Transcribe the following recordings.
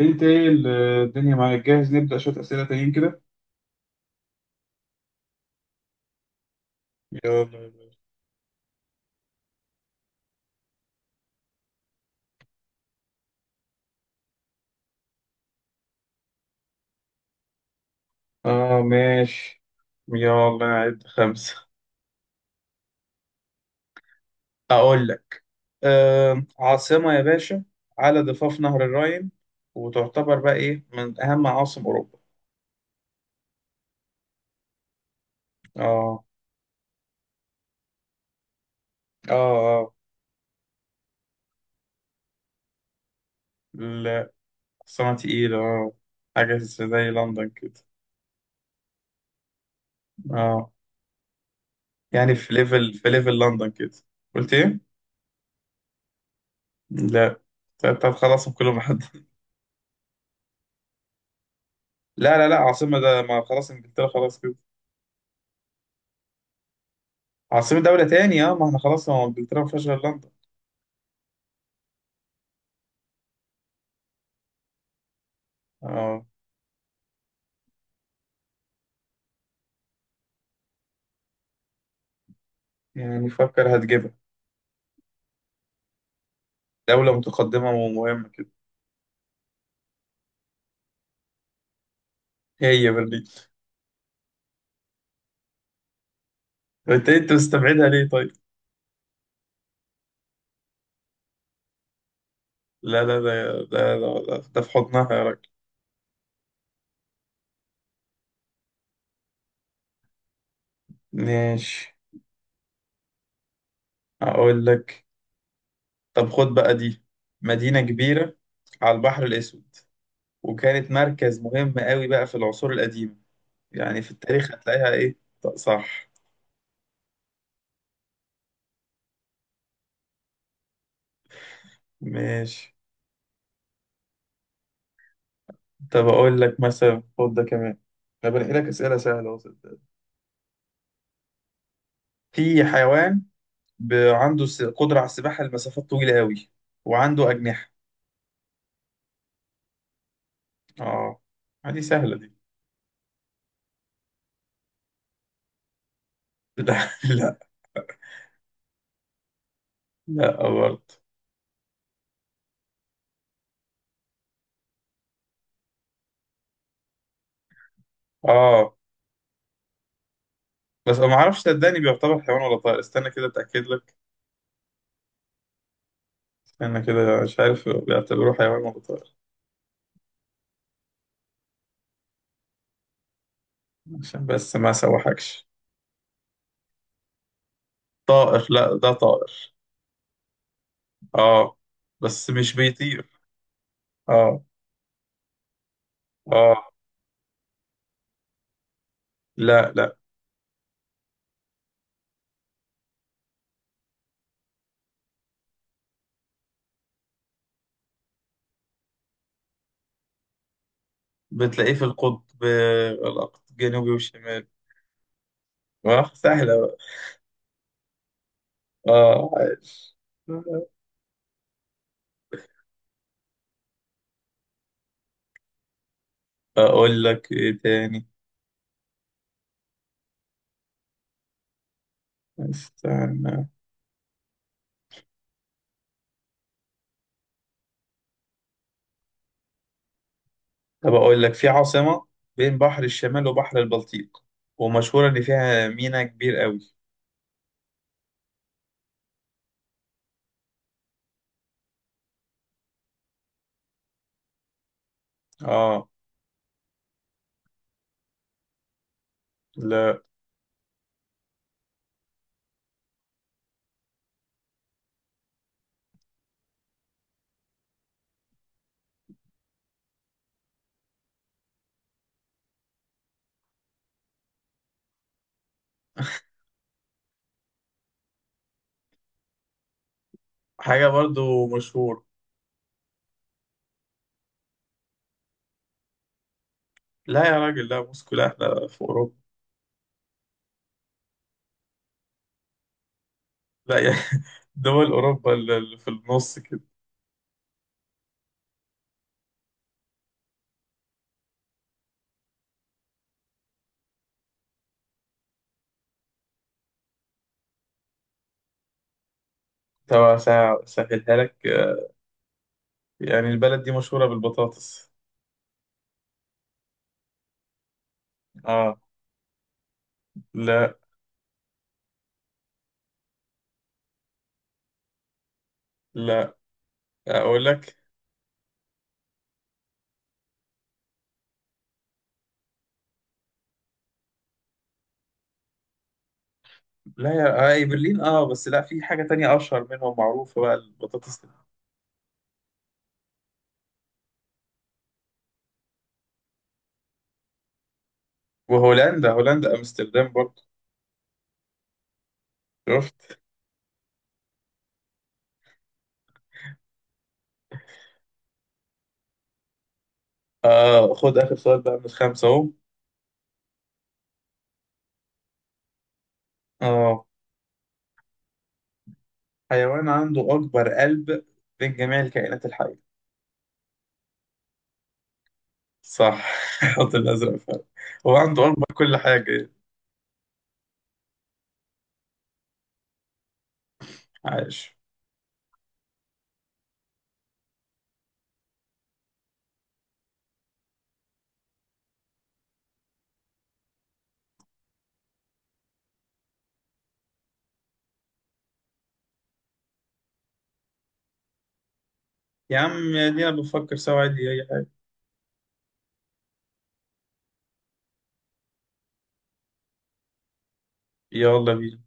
انت ايه الدنيا معاك جاهز، نبدأ شوية أسئلة تانيين كده. يلا يلا. اه ماشي. يلا نعد خمسة. أقول لك. آه، عاصمة يا باشا على ضفاف نهر الراين، وتعتبر بقى ايه من أهم عواصم أوروبا. اه. اه. اه. لا. عاصمة تقيلة اه، حاجة زي لندن كده. اه، يعني في ليفل لندن كده. قلت ايه؟ لا. طب طب خلاص كلهم حد. لا لا لا، عاصمة، ده ما خلاص انجلترا خلاص كده. عاصمة دولة تاني اه، ما احنا خلاص هو انجلترا ما فيهاش غير لندن. اه. يعني فكر هتجيبها، دولة متقدمة ومهمة كده. هي برلين. طيب، انت مستبعدها ليه طيب؟ لا لا لا، ده ده في حضنها يا راجل. ماشي، اقول لك. طب خد بقى دي، مدينة كبيرة على البحر الأسود، وكانت مركز مهم قوي بقى في العصور القديمة، يعني في التاريخ هتلاقيها إيه. طب صح. ماشي، طب أقول لك مثلا، خد ده كمان. أنا بنقي لك أسئلة سهلة، وصلت. في حيوان عنده قدرة على السباحة لمسافات طويلة قوي، وعنده أجنحة. اه، دي سهلة دي لا لا. لا برضه. اه، بس ما اعرفش صدقني، بيعتبر حيوان ولا طائر، استنى كده اتاكد لك. استنى كده، مش عارف بيعتبروه حيوان ولا طائر، عشان بس ما اسوحكش. طائر، لا ده طائر. اه بس مش بيطير. اه. اه. لا لا، بتلاقيه في القطب، القطب الجنوبي والشمال. اه سهلة بقى. اه عايش. اقول لك ايه تاني. استنى. طب اقول لك، في عاصمة بين بحر الشمال وبحر البلطيق، ومشهورة ان فيها ميناء كبير قوي. اه. لا حاجة برضو مشهور. لا يا راجل، لا، موسكو لا، احنا في اوروبا. لا يا دول اوروبا اللي في النص كده. طب اسهلها لك، يعني البلد دي مشهورة بالبطاطس. اه. لا. لا، اقول لك. لا يا، اي برلين اه، بس لا، في حاجة تانية اشهر منهم، معروفة بقى البطاطس وهولندا. هولندا امستردام برضه. شفت. آه، خد اخر سؤال بقى من الخمسه اهو. اه، حيوان عنده اكبر قلب بين جميع الكائنات الحيه. صح الحوت الازرق فعلا، هو عنده اكبر كل حاجه. عايش. يا عم يا دي انا بفكر سوا عادي اي حاجه. يلا بينا.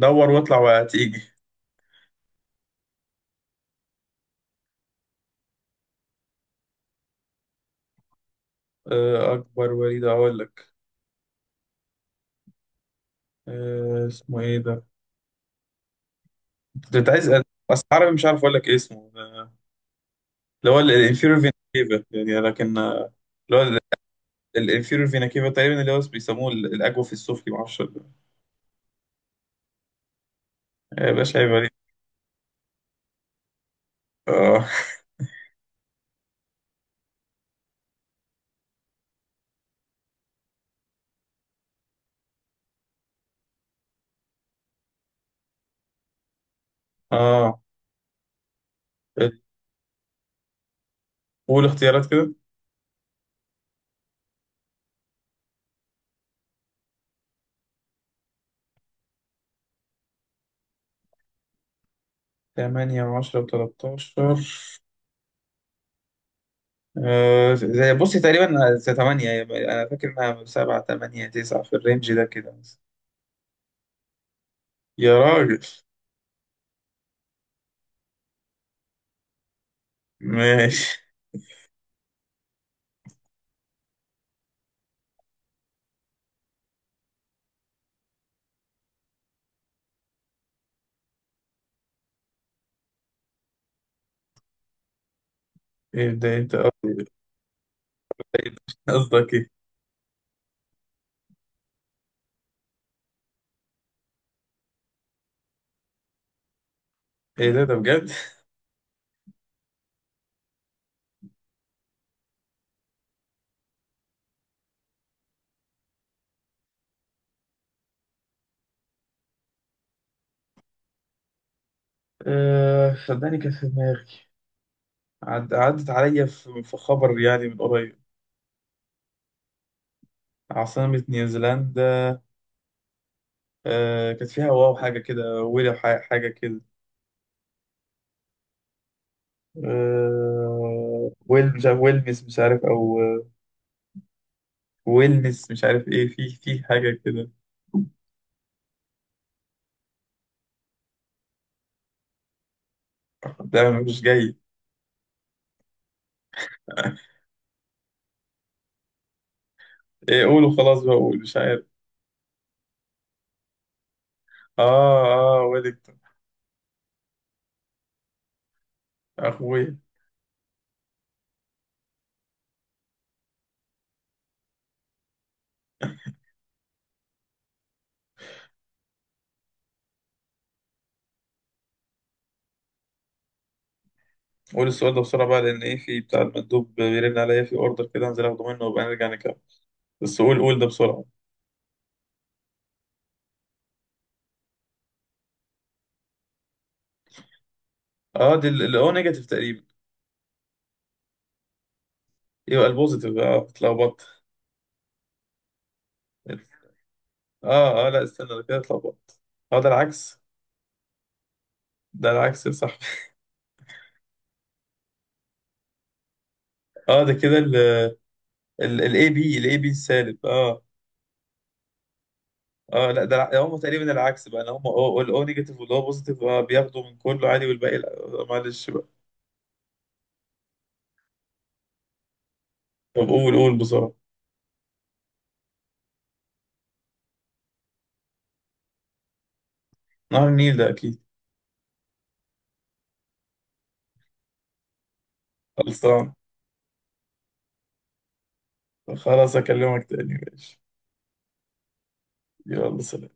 دور واطلع وهتيجي. آه اكبر وليد، اقول لك. آه اسمه ايه ده، كنت عايز بس عربي مش عارف اقول لك إيه اسمه، اللي هو الانفيرو فينتيفا يعني، لكن اللي هو الانفيرور فينا كيفا تقريبا، اللي هو بيسموه الاجوف السفلي، ما اعرفش يا باشا عيب عليك. اه. اه، قول اختيارات كده. 8 و10 و13. آه زي، بصي تقريبا زي 8، انا فاكر انها 7 8 9 في الرينج ده كده مثلا. يا راجل. ماشي. ابدا انت قصدك ايه؟ ايه ده، ده بجد؟ آه صدقني كانت في دماغي، عدت عليا في خبر يعني من قريب. عاصمة نيوزيلندا، آه كانت فيها واو حاجة كده، ويل حاجة كده. آه ويل، مش عارف، ويلنس مش عارف، أو ويلنس مش عارف إيه، في حاجة كده. لا مش جاي. إيه قولوا خلاص بقى، قول مش عارف. آه. آه ويلك. أخويا. قول السؤال ده بسرعة بقى، لأن إيه في بتاع المندوب بيرن عليا في أوردر كده، هنزل آخده منه وبقى نرجع نكمل. بس قول قول ده بسرعة. آه دي الأو نيجاتيف تقريبا. يبقى البوزيتيف، آه اتلخبطت. آه آه لا، استنى ده كده اتلخبطت. آه ده العكس. ده العكس صح. اه ده كده، الاي بي السالب اه. اه لا، ده هم تقريبا العكس بقى هم. الاو نيجاتيف واللي هو بوزيتيف آه، بياخدوا من كله عادي والباقي لا. آه، معلش بقى. طب قول قول بسرعة. نهر النيل ده اكيد. خلصان. خلاص اكلمك تاني ماشي. يلا سلام.